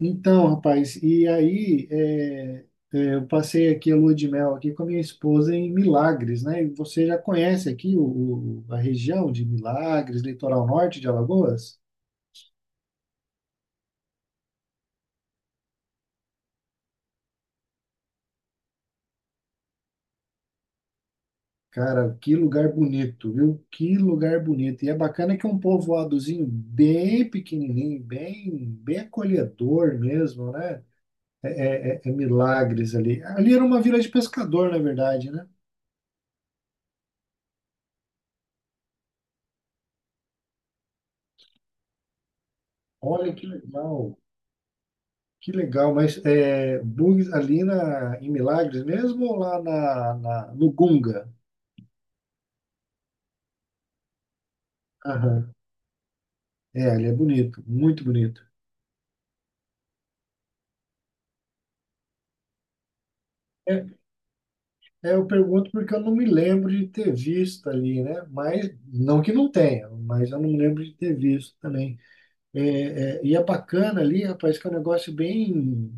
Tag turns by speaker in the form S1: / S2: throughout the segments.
S1: Então, rapaz, eu passei aqui a lua de mel aqui com a minha esposa em Milagres, né? E você já conhece aqui a região de Milagres, litoral norte de Alagoas? Cara, que lugar bonito, viu? Que lugar bonito. E é bacana que é um povoadozinho bem pequenininho, bem acolhedor mesmo, né? É Milagres ali. Ali era uma vila de pescador, na verdade, né? Olha que legal. Que legal, mas é, bugs ali em Milagres mesmo ou lá no Gunga? Aham. É, ali é bonito, muito bonito. É, eu pergunto porque eu não me lembro de ter visto ali, né? Mas, não que não tenha, mas eu não me lembro de ter visto também. É, e é bacana ali, rapaz, que é um negócio bem,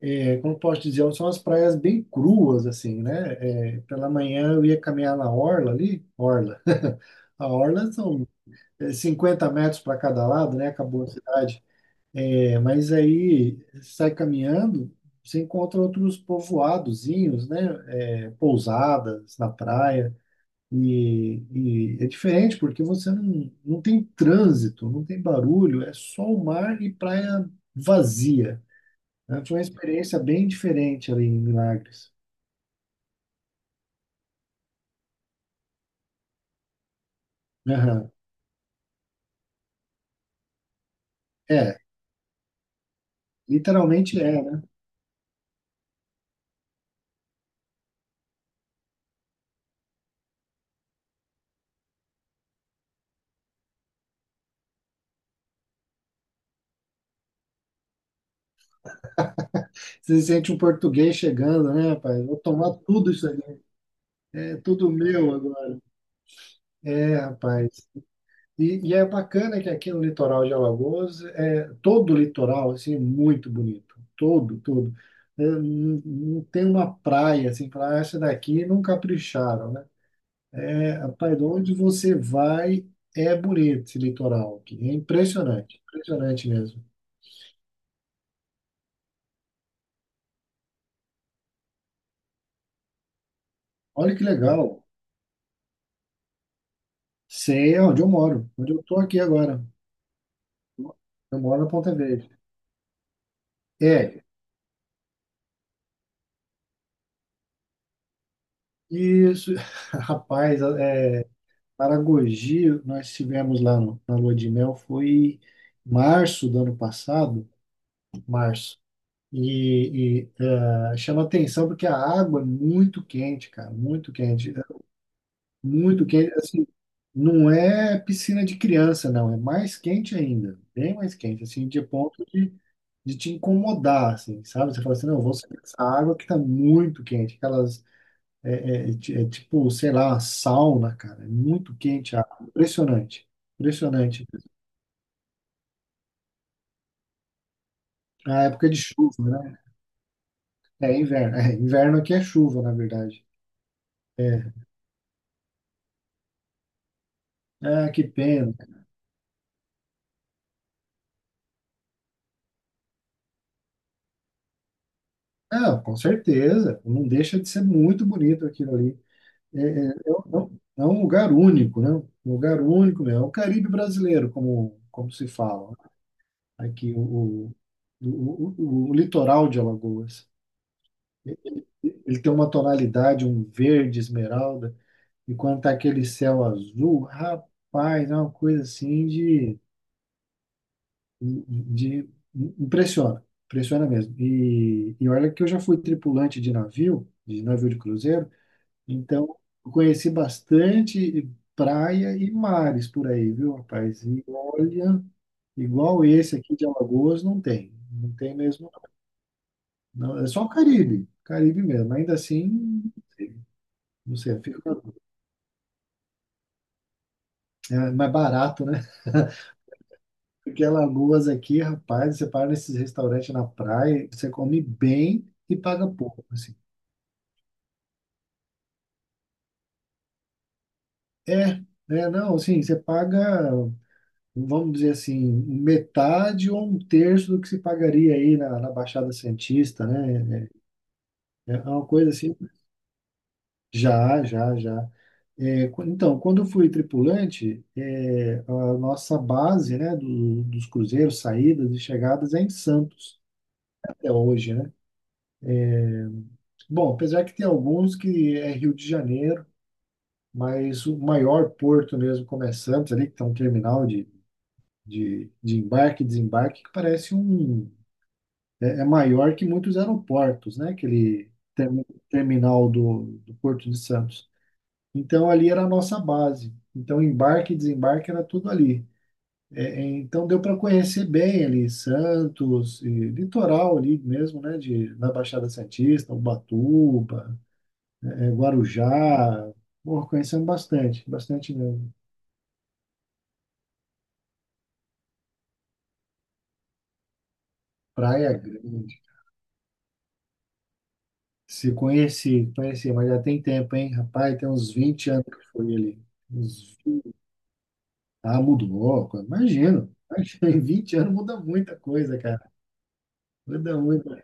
S1: é, como eu posso dizer, são as praias bem cruas, assim, né? É, pela manhã eu ia caminhar na orla ali, orla. A orla são 50 metros para cada lado, né? Acabou a cidade. É, mas aí sai caminhando, você encontra outros povoadozinhos, né? É, pousadas na praia. E, e é diferente porque você não tem trânsito, não tem barulho, é só o mar e praia vazia, né? Foi uma experiência bem diferente ali em Milagres. Aham. É, literalmente é, né? Você sente um português chegando, né, rapaz? Vou tomar tudo isso aqui, é tudo meu agora. É, rapaz. E é bacana que aqui no litoral de Alagoas, é, todo o litoral, assim, é muito bonito. Todo, todo. É, não tem uma praia, assim, falar, "Ah, essa daqui não capricharam, né? É, rapaz, de onde você vai, é bonito esse litoral aqui. É impressionante, impressionante mesmo. Olha que legal. Sei onde eu moro, onde eu tô aqui agora. Eu moro na Ponta Verde. É, isso, rapaz, é, Paragogi, nós tivemos lá na lua de mel, foi em março do ano passado, março. E chama atenção porque a água é muito quente, cara, muito quente. É muito quente. Assim, não é piscina de criança, não, é mais quente ainda, bem mais quente, assim, de ponto de te incomodar, assim, sabe? Você fala assim, não, eu vou sair dessa água que tá muito quente, aquelas é tipo, sei lá, sauna, cara. É muito quente a água. Impressionante. Impressionante. A época de chuva, né? É inverno. É, inverno aqui é chuva, na verdade. É. Ah, que pena. Ah, com certeza. Não deixa de ser muito bonito aquilo ali. É um lugar único, né? Um lugar único mesmo. É o Caribe brasileiro, como, como se fala, né? Aqui, o, o litoral de Alagoas. Ele tem uma tonalidade, um verde esmeralda. E quando tá aquele céu azul, rapaz, é uma coisa assim de impressiona mesmo. E olha que eu já fui tripulante de navio, de navio de cruzeiro, então eu conheci bastante praia e mares por aí, viu, rapaz? E olha, igual esse aqui de Alagoas não tem, não tem mesmo, não. É só o Caribe, Caribe mesmo. Ainda assim, não sei, fica é mais barato, né? Porque Alagoas aqui, rapaz, você para nesses restaurantes na praia, você come bem e paga pouco, assim. É, não, assim, você paga, vamos dizer assim, metade ou um terço do que se pagaria aí na Baixada Santista, né? É é uma coisa assim, já, já, já. Então, quando eu fui tripulante, é, a nossa base, né, dos cruzeiros, saídas e chegadas é em Santos, até hoje, né? Bom, apesar que tem alguns que é Rio de Janeiro, mas o maior porto mesmo começando ali, que tem um terminal de embarque e desembarque, que parece um. É, é maior que muitos aeroportos, né? Aquele terminal do Porto de Santos. Então ali era a nossa base. Então embarque e desembarque era tudo ali. Então deu para conhecer bem ali Santos, e litoral ali mesmo, né? De, na Baixada Santista, Ubatuba, é, Guarujá. Bom, conhecemos bastante, bastante mesmo. Praia Grande. Se conheci, conheci, mas já tem tempo, hein? Rapaz, tem uns vinte anos que foi ali. Uns 20. Ah, mudou. Imagino. Imagino. Em 20 anos muda muita coisa, cara. Muda muita.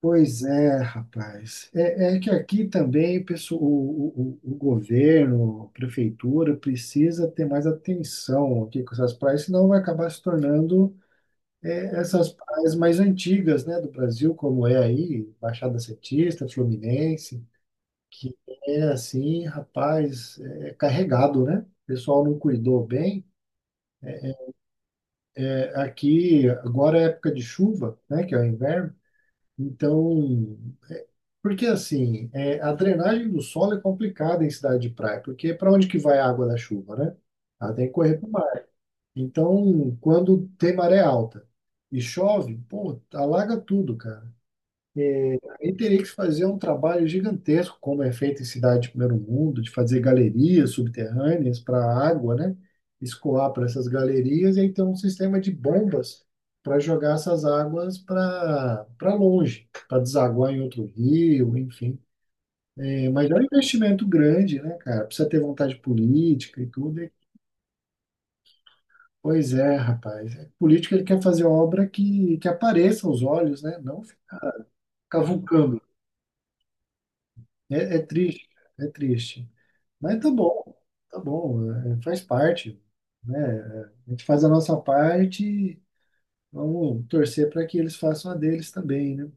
S1: Pois é, rapaz. É, é que aqui também pessoal, o governo, a prefeitura, precisa ter mais atenção aqui com essas praias, senão vai acabar se tornando é, essas praias mais antigas, né, do Brasil, como é aí, Baixada Santista, Fluminense. Que é assim, rapaz, é carregado, né? O pessoal não cuidou bem. É, aqui, agora é época de chuva, né, que é o inverno. Então, porque assim, é, a drenagem do solo é complicada em cidade de praia, porque para onde que vai a água da chuva, né? Ela tem que correr para o mar. Então, quando tem maré alta e chove, pô, alaga tudo, cara. Aí teria que se fazer um trabalho gigantesco, como é feito em cidades de primeiro mundo, de fazer galerias subterrâneas para a água, né? Escoar para essas galerias e aí ter um sistema de bombas para jogar essas águas para longe, para desaguar em outro rio, enfim. É, mas é um investimento grande, né, cara? Precisa ter vontade política e tudo. E pois é, rapaz. É, político ele quer fazer obra que apareça aos olhos, né? Não ficar cavucando. É, é triste, é triste. Mas tá bom, é, faz parte, né? A gente faz a nossa parte, e vamos torcer para que eles façam a deles também, né?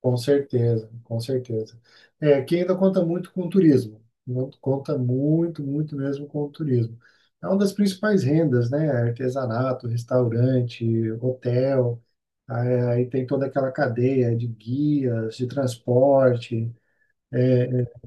S1: Com certeza, com certeza. É, aqui ainda conta muito com o turismo, não- conta muito, muito mesmo com o turismo. É uma das principais rendas, né? Artesanato, restaurante, hotel, aí tem toda aquela cadeia de guias, de transporte.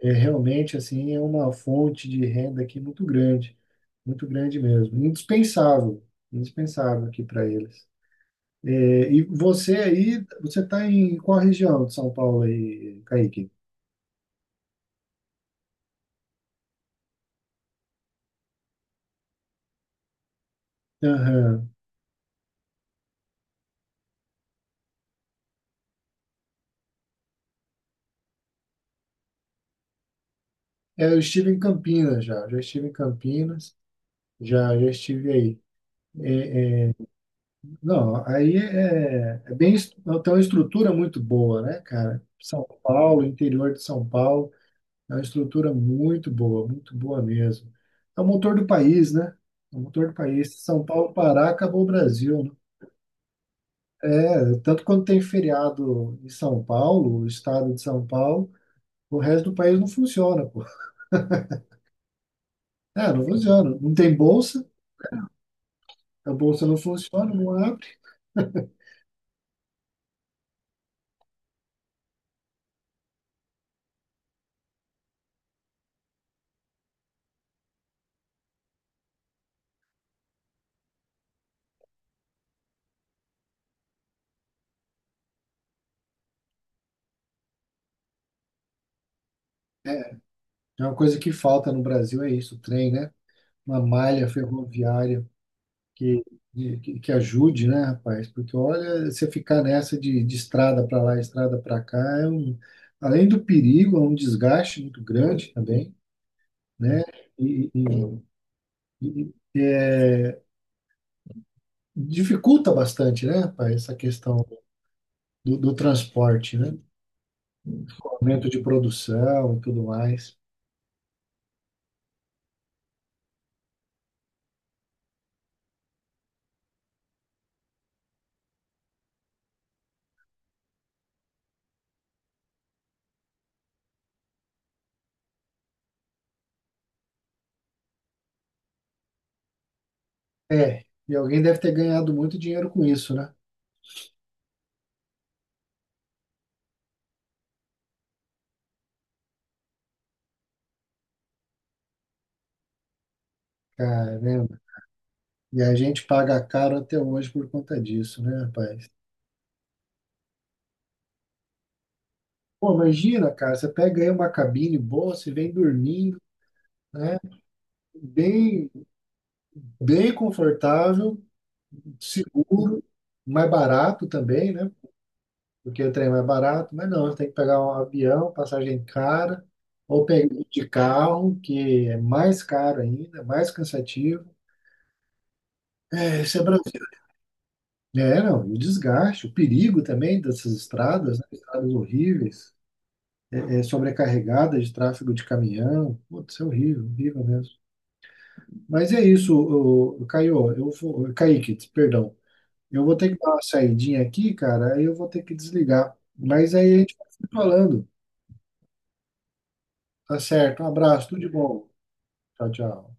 S1: É, realmente, assim, é uma fonte de renda aqui muito grande. Muito grande mesmo. Indispensável. Indispensável aqui para eles. É, e você aí, você está em qual região de São Paulo aí, Kaique? Aham. É, eu estive em Campinas já. Já estive em Campinas. Já, já estive aí. É, é, Não, aí é, é bem, tem uma estrutura muito boa, né, cara? São Paulo, interior de São Paulo, é uma estrutura muito boa mesmo. É o motor do país, né? É o motor do país. Se São Paulo parar, acabou o Brasil, né? É, tanto quando tem feriado em São Paulo, o estado de São Paulo, o resto do país não funciona, pô. É, não funciona. Não tem bolsa, a bolsa não funciona, não abre. É uma coisa que falta no Brasil, é isso, o trem, né? Uma malha ferroviária que, que ajude, né, rapaz? Porque olha, você ficar nessa de estrada para lá, estrada para cá, é um, além do perigo, é um desgaste muito grande também, né? E, e- e dificulta bastante, né, rapaz, essa questão do transporte, né? Aumento de produção e tudo mais. É, e alguém deve ter ganhado muito dinheiro com isso, né? Caramba. E a gente paga caro até hoje por conta disso, né, rapaz? Pô, imagina, cara, você pega aí uma cabine boa, você vem dormindo, né? Bem, bem confortável, seguro, mais barato também, né? Porque o trem é barato, mas não, você tem que pegar um avião, passagem cara, ou pegar um de carro, que é mais caro ainda, é mais cansativo. É, isso é Brasil. É, não, e o desgaste, o perigo também dessas estradas, né? Estradas horríveis, é, sobrecarregadas de tráfego de caminhão. Putz, isso é horrível, horrível mesmo. Mas é isso, o, Caio, eu vou, Kaique, perdão. Eu vou ter que dar uma saidinha aqui, cara, aí eu vou ter que desligar. Mas aí a gente vai se falando. Tá certo, um abraço, tudo de bom. Tchau, tchau.